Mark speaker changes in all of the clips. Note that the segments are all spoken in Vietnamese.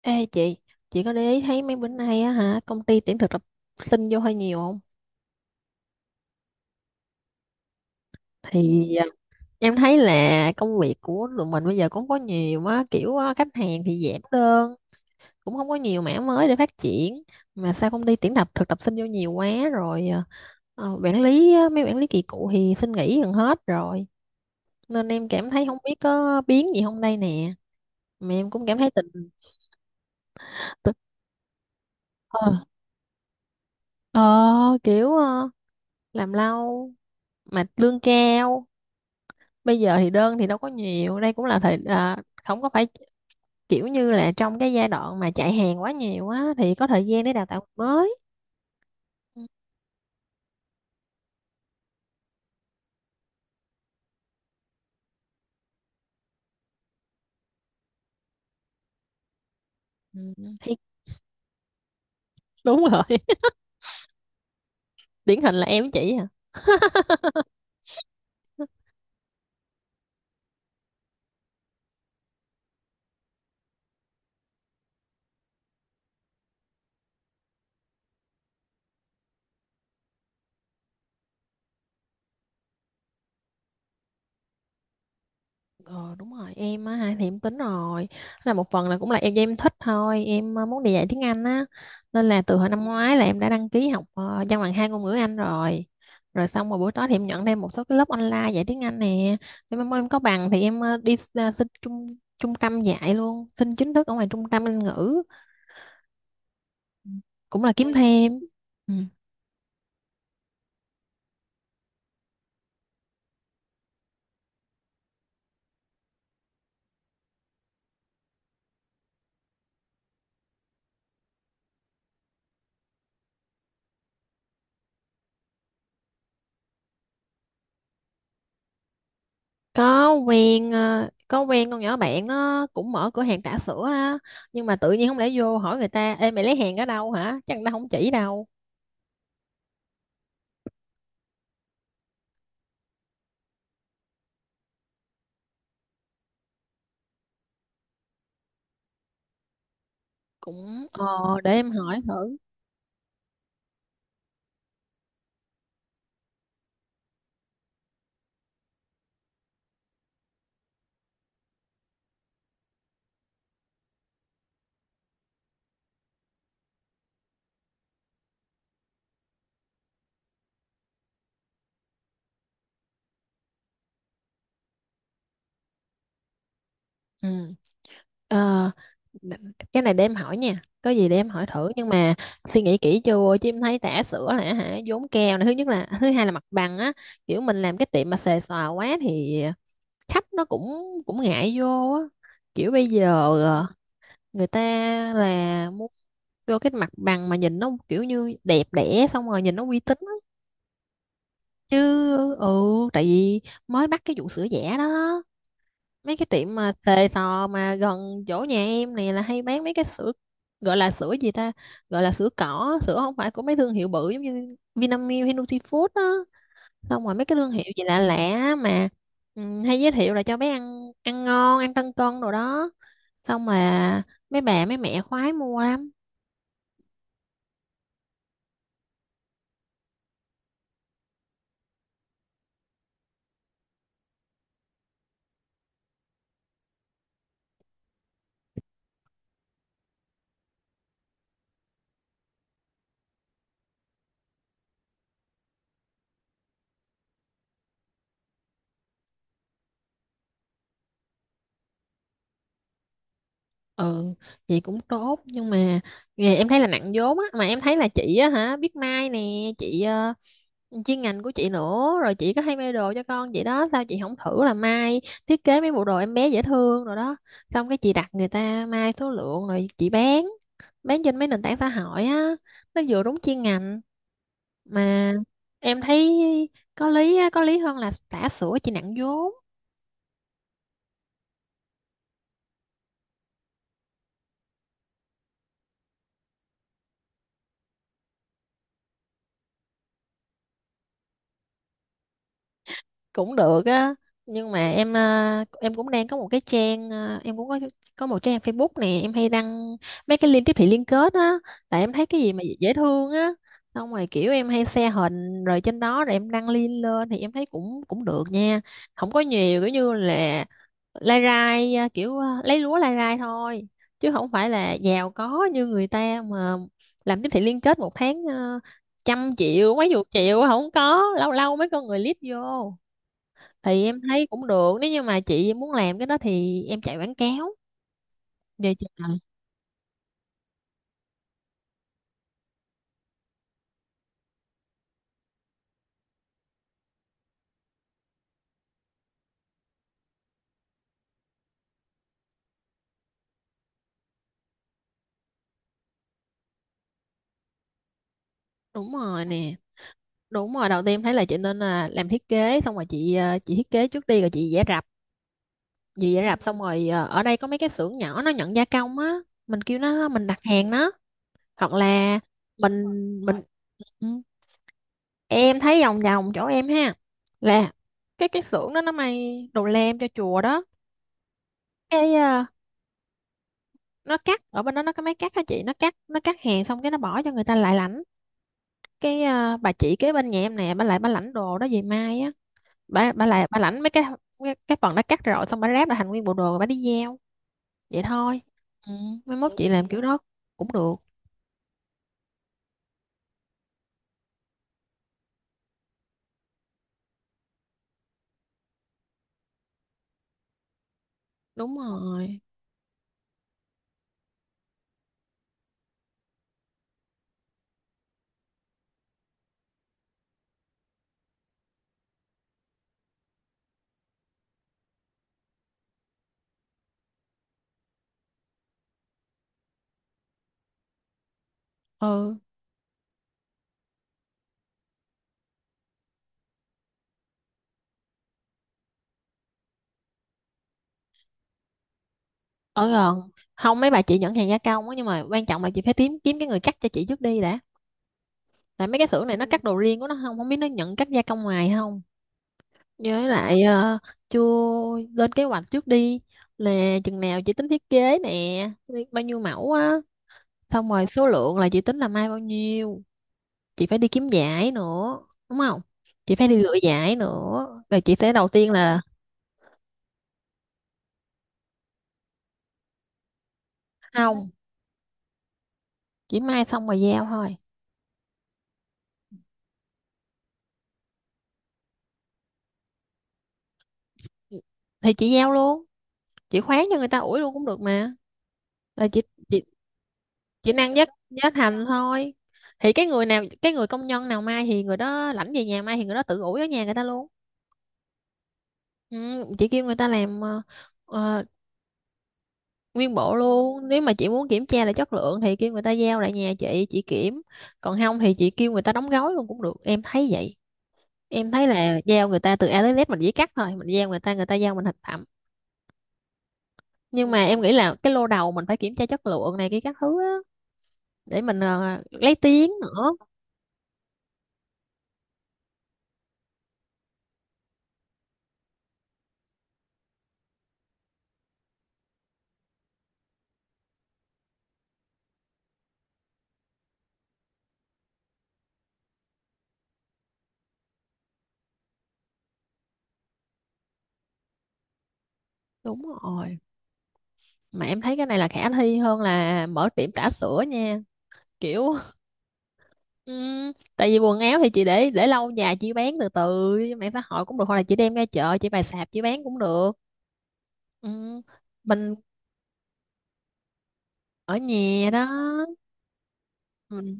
Speaker 1: Ê chị có để ý thấy mấy bữa nay á hả, công ty tuyển thực tập sinh vô hơi nhiều không? Thì em thấy là công việc của tụi mình bây giờ cũng có nhiều á, khách hàng thì giảm đơn, cũng không có nhiều mảng mới để phát triển. Mà sao công ty tuyển tập thực tập sinh vô nhiều quá rồi, mấy quản lý kỳ cựu thì xin nghỉ gần hết rồi. Nên em cảm thấy không biết có biến gì không đây nè. Mà em cũng cảm thấy tình... tình- Ờ, ờ, kiểu ờ, làm lâu mà lương cao bây giờ thì đơn thì đâu có nhiều đây cũng là thời, không có phải kiểu như là trong cái giai đoạn mà chạy hàng quá nhiều á thì có thời gian để đào tạo mới. Ừ, thì đúng rồi. Điển hình là em với chị à. Ờ đúng rồi em á ha, thì em tính rồi là một phần là cũng là em do em thích thôi, em muốn đi dạy tiếng Anh á, nên là từ hồi năm ngoái là em đã đăng ký học văn bằng hai ngôn ngữ Anh rồi. Rồi xong rồi buổi tối thì em nhận thêm một số cái lớp online dạy tiếng Anh nè. Em mong em có bằng thì em đi xin trung trung tâm dạy luôn, xin chính thức ở ngoài trung tâm Anh ngữ, cũng là kiếm thêm. Ừ. có quen con nhỏ bạn nó cũng mở cửa hàng trà sữa á, nhưng mà tự nhiên không lẽ vô hỏi người ta, ê mày lấy hàng ở đâu hả, chắc người ta không chỉ đâu. Cũng, để em hỏi thử. Ừ. Ờ, cái này để em hỏi nha, có gì để em hỏi thử, nhưng mà suy nghĩ kỹ chưa chứ em thấy tã sữa là hả vốn keo này, thứ nhất, là thứ hai là mặt bằng á. Kiểu mình làm cái tiệm mà xề xòa quá thì khách nó cũng cũng ngại vô á. Kiểu bây giờ ờ, người ta là muốn vô cái mặt bằng mà nhìn nó kiểu như đẹp đẽ xong rồi nhìn nó uy tín á. Chứ, ừ, tại vì mới bắt cái vụ sữa giả đó. Mấy cái tiệm mà xề xò mà gần chỗ nhà em này là hay bán mấy cái sữa gọi là sữa gì ta, gọi là sữa cỏ, sữa không phải của mấy thương hiệu bự giống như Vinamilk hay Nutifood á. Xong rồi mấy cái thương hiệu gì lạ lạ mà, ừ, hay giới thiệu là cho bé ăn, ăn ngon ăn tăng cân đồ đó, xong mà mấy bà mấy mẹ khoái mua lắm. Ừ, chị cũng tốt nhưng mà nghề em thấy là nặng vốn á. Mà em thấy là chị á hả, biết may nè, chị chuyên ngành của chị nữa, rồi chị có hay may đồ cho con chị đó, sao chị không thử là may, thiết kế mấy bộ đồ em bé dễ thương rồi đó, xong cái chị đặt người ta may số lượng rồi chị bán trên mấy nền tảng xã hội á. Nó vừa đúng chuyên ngành mà em thấy có lý á, có lý hơn là xả sữa chị nặng vốn. Cũng được á, nhưng mà em em cũng đang có một cái trang, em cũng có một trang Facebook nè, em hay đăng mấy cái link tiếp thị liên kết á, tại em thấy cái gì mà dễ thương á, xong rồi kiểu em hay share hình rồi trên đó, rồi em đăng link lên thì em thấy cũng cũng được nha. Không có nhiều, kiểu như là lai rai lấy lúa lai rai thôi chứ không phải là giàu có như người ta mà, làm tiếp thị liên kết một tháng, 100 triệu mấy chục triệu không có, lâu lâu mấy con người lít vô. Thì em thấy cũng được, nếu như mà chị muốn làm cái đó thì em chạy quảng cáo về chị làm. Đúng rồi nè. Đúng rồi, đầu tiên thấy là chị nên là làm thiết kế, xong rồi chị thiết kế trước đi, rồi chị vẽ rập. Chị vẽ rập xong rồi ở đây có mấy cái xưởng nhỏ nó nhận gia công á, mình kêu nó, mình đặt hàng nó, hoặc là mình mình, ừ. Em thấy vòng vòng chỗ em ha, là cái xưởng đó nó may đồ lam cho chùa đó. Cái nó cắt ở bên đó, nó có máy cắt hả chị, nó cắt hàng xong cái nó bỏ cho người ta lại lãnh. Cái bà chị kế bên nhà em nè, bà lại bà lãnh đồ đó về mai á, bà lại bà lãnh mấy cái phần đã cắt rồi, xong bà ráp lại thành nguyên bộ đồ rồi bà đi gieo, vậy thôi. Ừ, mấy mốt, ừ, chị làm kiểu đó cũng được. Đúng rồi. Ừ. Ở gần không mấy bà chị nhận hàng gia công á, nhưng mà quan trọng là chị phải kiếm kiếm cái người cắt cho chị trước đi đã, tại mấy cái xưởng này nó, ừ, cắt đồ riêng của nó, không không biết nó nhận cắt gia công ngoài không. Với lại chưa, lên kế hoạch trước đi, là chừng nào chị tính thiết kế nè, bao nhiêu mẫu á, xong rồi số lượng là chị tính là mai bao nhiêu. Chị phải đi kiếm giải nữa, đúng không, chị phải đi lựa giải nữa, rồi chị sẽ đầu tiên là không, chỉ mai xong rồi giao thôi thì chị giao luôn, chị khoán cho người ta ủi luôn cũng được mà, là chị chị năng giá giá thành thôi. Thì cái người công nhân nào mai thì người đó lãnh về nhà, mai thì người đó tự ủi ở nhà người ta luôn. Ừ, chị kêu người ta làm ờ, nguyên bộ luôn, nếu mà chị muốn kiểm tra là chất lượng thì kêu người ta giao lại nhà chị kiểm, còn không thì chị kêu người ta đóng gói luôn cũng được, em thấy vậy. Em thấy là giao người ta từ A tới Z, mình chỉ cắt thôi, mình giao người ta, người ta giao mình thành phẩm. Nhưng mà em nghĩ là cái lô đầu mình phải kiểm tra chất lượng này, cái các thứ á, để mình lấy tiếng nữa. Đúng rồi. Mà em thấy cái này là khả thi hơn là mở tiệm trà sữa nha, kiểu. Ừm, tại vì quần áo thì chị để lâu dài chị bán từ từ trên mạng xã hội cũng được, hoặc là chị đem ra chợ chị bày sạp chị bán cũng được. Ừ, mình ở nhà đó. Ừ.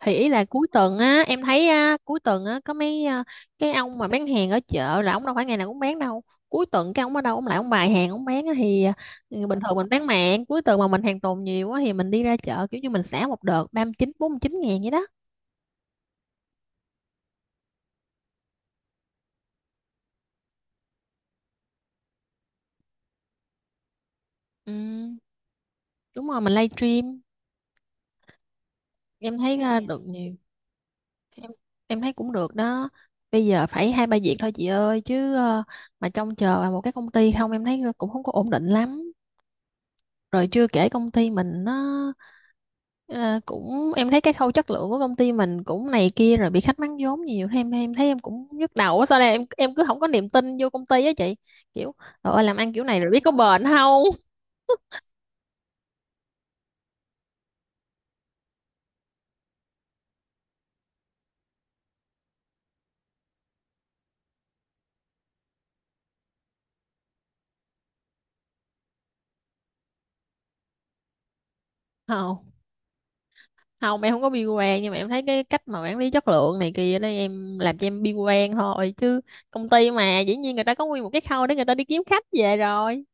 Speaker 1: Thì ý là cuối tuần á em thấy á, cuối tuần á có mấy, cái ông mà bán hàng ở chợ là ông đâu phải ngày nào cũng bán đâu, cuối tuần cái ông ở đâu ông lại ông bày hàng ông bán á, thì, bình thường mình bán mạng, cuối tuần mà mình hàng tồn nhiều á thì mình đi ra chợ, kiểu như mình xả một đợt 39, 49 ngàn vậy đó. Ừ, đúng rồi, mình live stream. Em thấy à, được nhiều. Em thấy cũng được đó, bây giờ phải hai ba việc thôi chị ơi, chứ, mà trông chờ vào một cái công ty không em thấy cũng không có ổn định lắm. Rồi chưa kể công ty mình nó ờ, cũng, em thấy cái khâu chất lượng của công ty mình cũng này kia, rồi bị khách mắng vốn nhiều thế, em thấy em cũng nhức đầu á, sao đây, em cứ không có niềm tin vô công ty á chị. Kiểu trời ơi làm ăn kiểu này rồi biết có bền không. Không, không em không có bi quan, nhưng mà em thấy cái cách mà quản lý chất lượng này kia đây em làm cho em bi quan thôi chứ, công ty mà dĩ nhiên người ta có nguyên một cái khâu để người ta đi kiếm khách về rồi.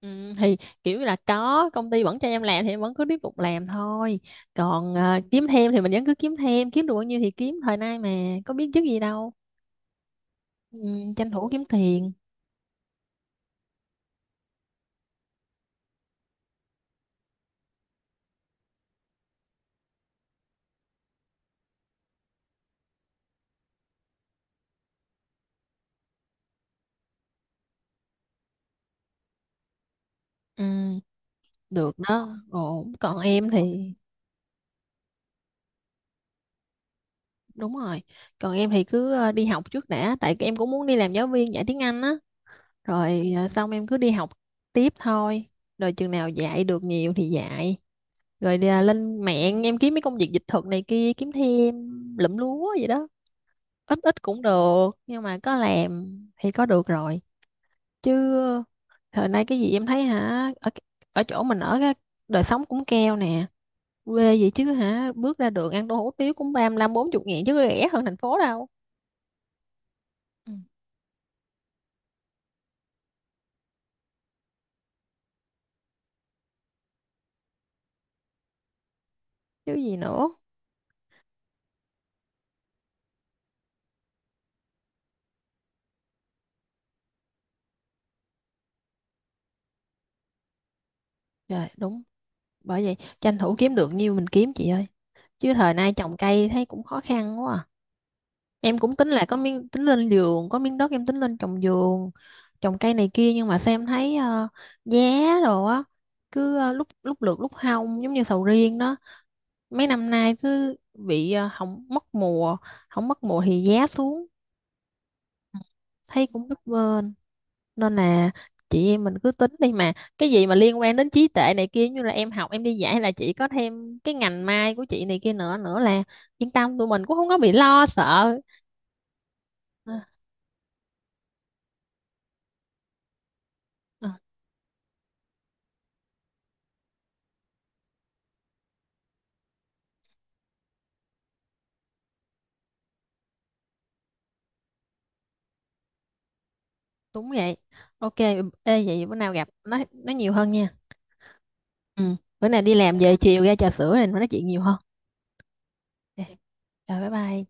Speaker 1: Ừ, thì kiểu là có công ty vẫn cho em làm thì em vẫn cứ tiếp tục làm thôi, còn kiếm thêm thì mình vẫn cứ kiếm thêm, kiếm được bao nhiêu thì kiếm, thời nay mà có biết trước gì đâu. Ừ, tranh thủ kiếm tiền. Ừ, được đó, ổn. Còn em thì, đúng rồi, còn em thì cứ đi học trước đã, tại em cũng muốn đi làm giáo viên dạy tiếng Anh á, rồi xong em cứ đi học tiếp thôi, rồi chừng nào dạy được nhiều thì dạy, rồi lên mạng em kiếm mấy công việc dịch thuật này kia kiếm thêm, lụm lúa vậy đó, ít ít cũng được nhưng mà có làm thì có được rồi. Chứ thời nay cái gì em thấy hả, ở ở chỗ mình ở cái đời sống cũng keo nè, quê vậy chứ hả, bước ra đường ăn tô hủ tiếu cũng 35, 40 nghìn chứ có rẻ hơn thành phố đâu. Ừ. Chứ gì nữa. Rồi đúng, bởi vậy tranh thủ kiếm được nhiêu mình kiếm chị ơi, chứ thời nay trồng cây thấy cũng khó khăn quá à. Em cũng tính là có miếng, tính lên vườn, có miếng đất em tính lên trồng vườn trồng cây này kia, nhưng mà xem thấy giá đồ á cứ lúc lúc lượt lúc hong, giống như sầu riêng đó, mấy năm nay cứ bị không mất mùa, không mất mùa thì giá xuống, thấy cũng bấp bênh. Nên là chị em mình cứ tính đi mà, cái gì mà liên quan đến trí tuệ này kia, như là em học em đi dạy, hay là chị có thêm cái ngành mai của chị này kia nữa nữa là yên tâm, tụi mình cũng không có bị lo sợ. À, đúng vậy. Ok, ê vậy bữa nào gặp nói nhiều hơn nha. Ừ, bữa nào đi làm về chiều ra trà sữa này nói chuyện nhiều hơn. Ok, rồi bye bye.